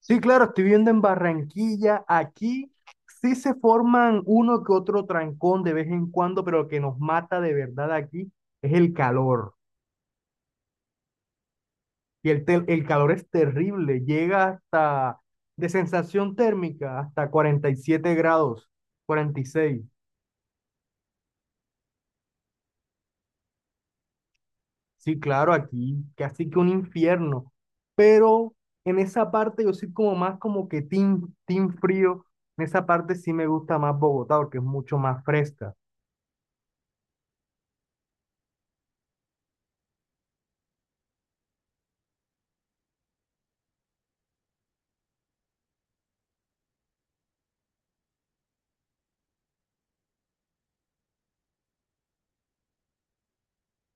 Sí, claro, estoy viendo en Barranquilla, aquí sí se forman uno que otro trancón de vez en cuando, pero lo que nos mata de verdad aquí es el calor. El calor es terrible, llega hasta de sensación térmica hasta 47 grados, 46. Sí, claro, aquí casi que un infierno. Pero en esa parte yo soy como más como que team frío. En esa parte sí me gusta más Bogotá porque es mucho más fresca.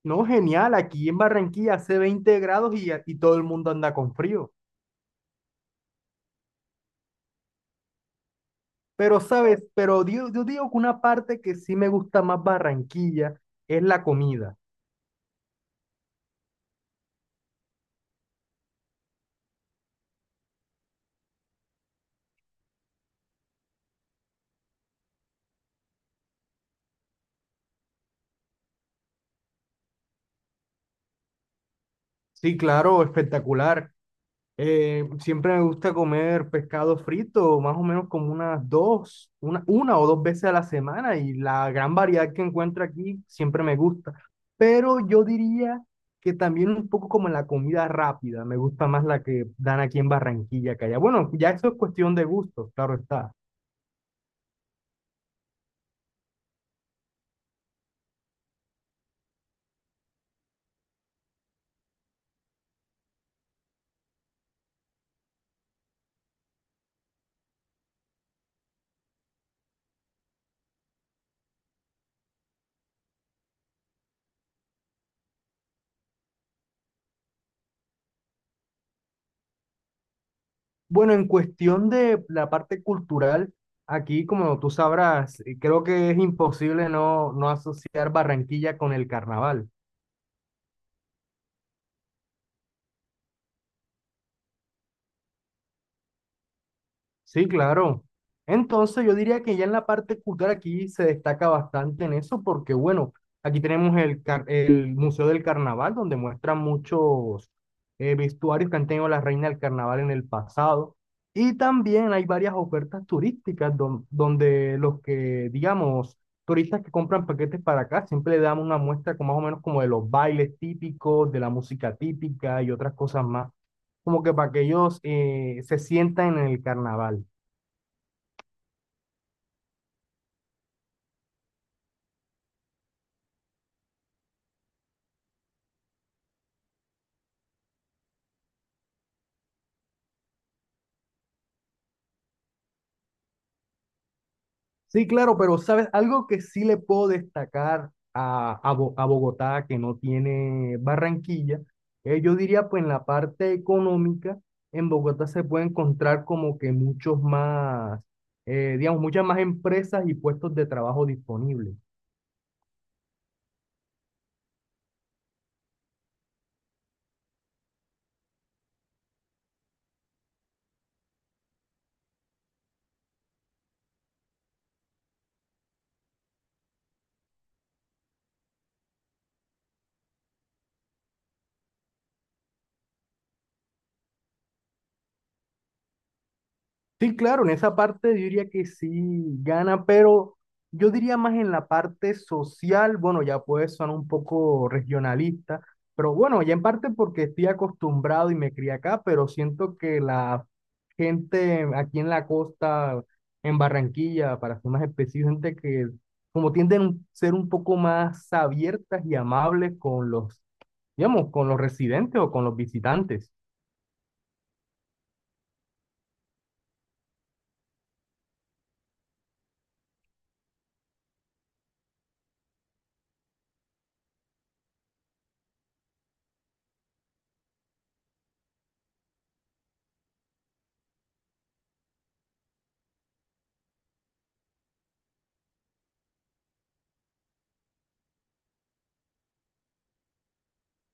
No, genial, aquí en Barranquilla hace 20 grados y todo el mundo anda con frío. Pero, ¿sabes? Pero yo digo que una parte que sí me gusta más Barranquilla es la comida. Sí, claro, espectacular. Siempre me gusta comer pescado frito, más o menos como unas una o dos veces a la semana, y la gran variedad que encuentro aquí siempre me gusta. Pero yo diría que también un poco como en la comida rápida, me gusta más la que dan aquí en Barranquilla que allá. Bueno, ya eso es cuestión de gustos, claro está. Bueno, en cuestión de la parte cultural, aquí como tú sabrás, creo que es imposible no asociar Barranquilla con el carnaval. Sí, claro. Entonces yo diría que ya en la parte cultural aquí se destaca bastante en eso porque, bueno, aquí tenemos el Museo del Carnaval, donde muestran muchos vestuarios que han tenido la reina del carnaval en el pasado. Y también hay varias ofertas turísticas donde los que, digamos, turistas que compran paquetes para acá siempre le damos una muestra con más o menos como de los bailes típicos, de la música típica y otras cosas más, como que para que ellos se sientan en el carnaval. Sí, claro, pero sabes, algo que sí le puedo destacar a Bogotá, que no tiene Barranquilla, yo diría pues en la parte económica, en Bogotá se puede encontrar como que muchos más, digamos, muchas más empresas y puestos de trabajo disponibles. Sí, claro, en esa parte yo diría que sí gana, pero yo diría más en la parte social. Bueno, ya puede sonar un poco regionalista, pero bueno, ya en parte porque estoy acostumbrado y me crié acá, pero siento que la gente aquí en la costa, en Barranquilla, para ser más específico, gente que como tienden a ser un poco más abiertas y amables con los, digamos, con los residentes o con los visitantes.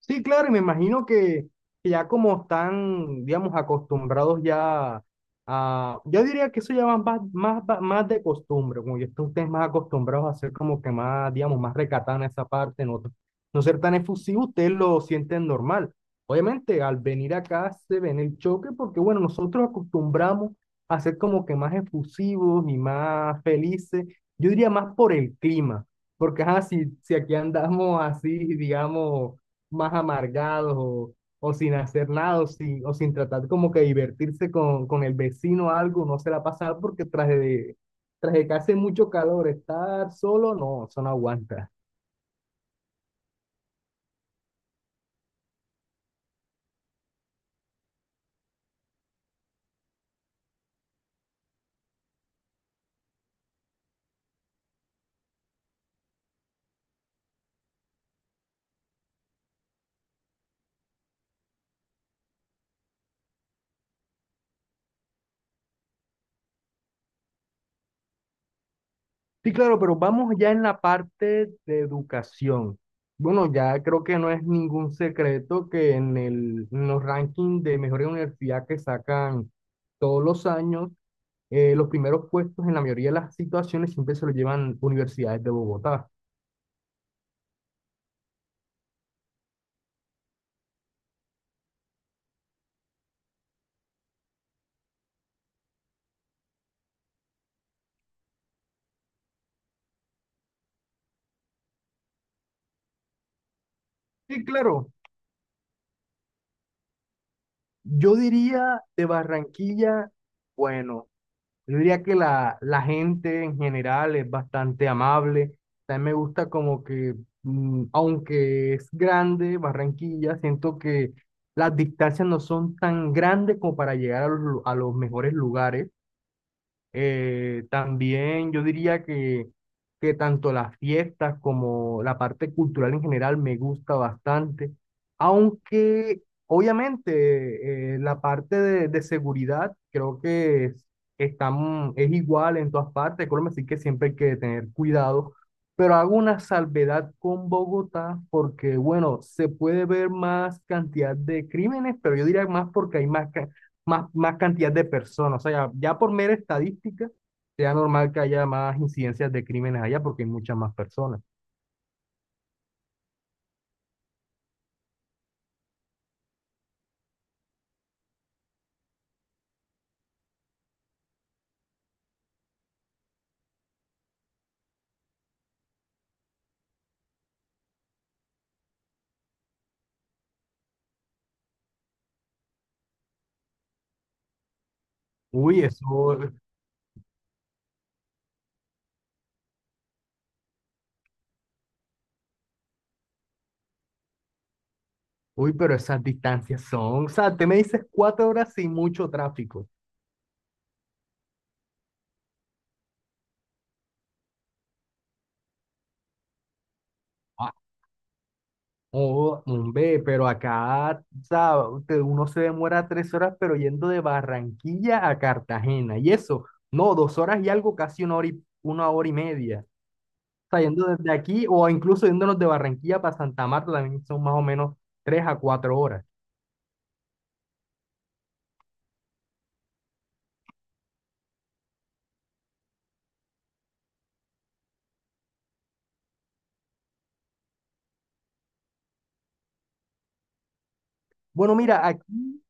Sí, claro, y me imagino que ya como están, digamos, acostumbrados ya a, yo diría que eso ya va más de costumbre, como ya están ustedes más acostumbrados a ser como que más, digamos, más recatados en esa parte, no, no ser tan efusivos, ustedes lo sienten normal. Obviamente, al venir acá se ven el choque porque, bueno, nosotros acostumbramos a ser como que más efusivos y más felices, yo diría más por el clima, porque, así si aquí andamos así, digamos más amargados o sin hacer nada o sin, o sin tratar como que divertirse con el vecino o algo, no se la pasa porque tras de que hace mucho calor, estar solo, no, eso no aguanta. Sí, claro, pero vamos ya en la parte de educación. Bueno, ya creo que no es ningún secreto que en el, en los rankings de mejor universidad que sacan todos los años, los primeros puestos en la mayoría de las situaciones siempre se lo llevan universidades de Bogotá. Sí, claro, yo diría de Barranquilla, bueno, yo diría que la gente en general es bastante amable. También me gusta como que, aunque es grande Barranquilla, siento que las distancias no son tan grandes como para llegar a los mejores lugares. También yo diría que tanto las fiestas como la parte cultural en general me gusta bastante, aunque obviamente la parte de seguridad creo que es igual en todas partes, Colombia, así que siempre hay que tener cuidado, pero hago una salvedad con Bogotá porque, bueno, se puede ver más cantidad de crímenes, pero yo diría más porque hay más cantidad de personas. O sea, ya por mera estadística, sea normal que haya más incidencias de crímenes allá porque hay muchas más personas. Uy, eso, uy, pero esas distancias son, o sea, te me dices 4 horas sin mucho tráfico. Ah, oh, hombre, pero acá, o sea, uno se demora 3 horas, pero yendo de Barranquilla a Cartagena. Y eso, no, 2 horas y algo, casi 1 hora y media. Sea, yendo desde aquí o incluso yéndonos de Barranquilla para Santa Marta también son más o menos 3 a 4 horas. Bueno, mira, aquí,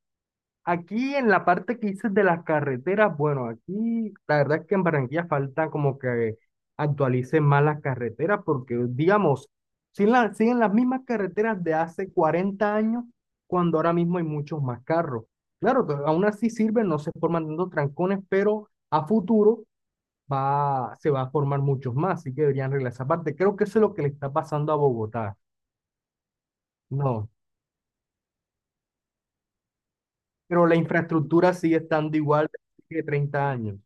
aquí en la parte que dices de las carreteras, bueno, aquí la verdad es que en Barranquilla falta como que actualicen más las carreteras porque, digamos, siguen las mismas carreteras de hace 40 años, cuando ahora mismo hay muchos más carros. Claro, pero aún así sirven, no se forman tantos trancones, pero a futuro se va a formar muchos más, así que deberían arreglar esa parte. Creo que eso es lo que le está pasando a Bogotá. No, pero la infraestructura sigue estando igual de 30 años.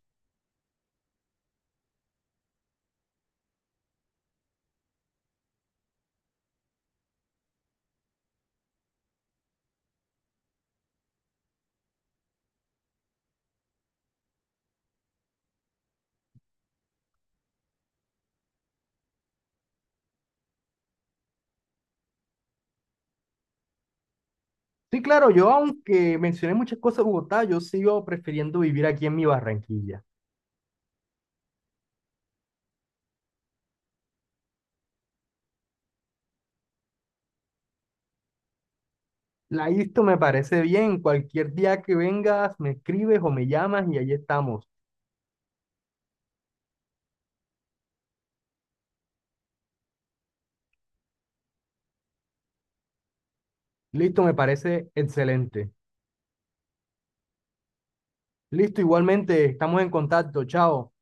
Sí, claro, yo aunque mencioné muchas cosas de Bogotá, yo sigo prefiriendo vivir aquí en mi Barranquilla. La ISTO me parece bien, cualquier día que vengas me escribes o me llamas y ahí estamos. Listo, me parece excelente. Listo, igualmente, estamos en contacto, chao.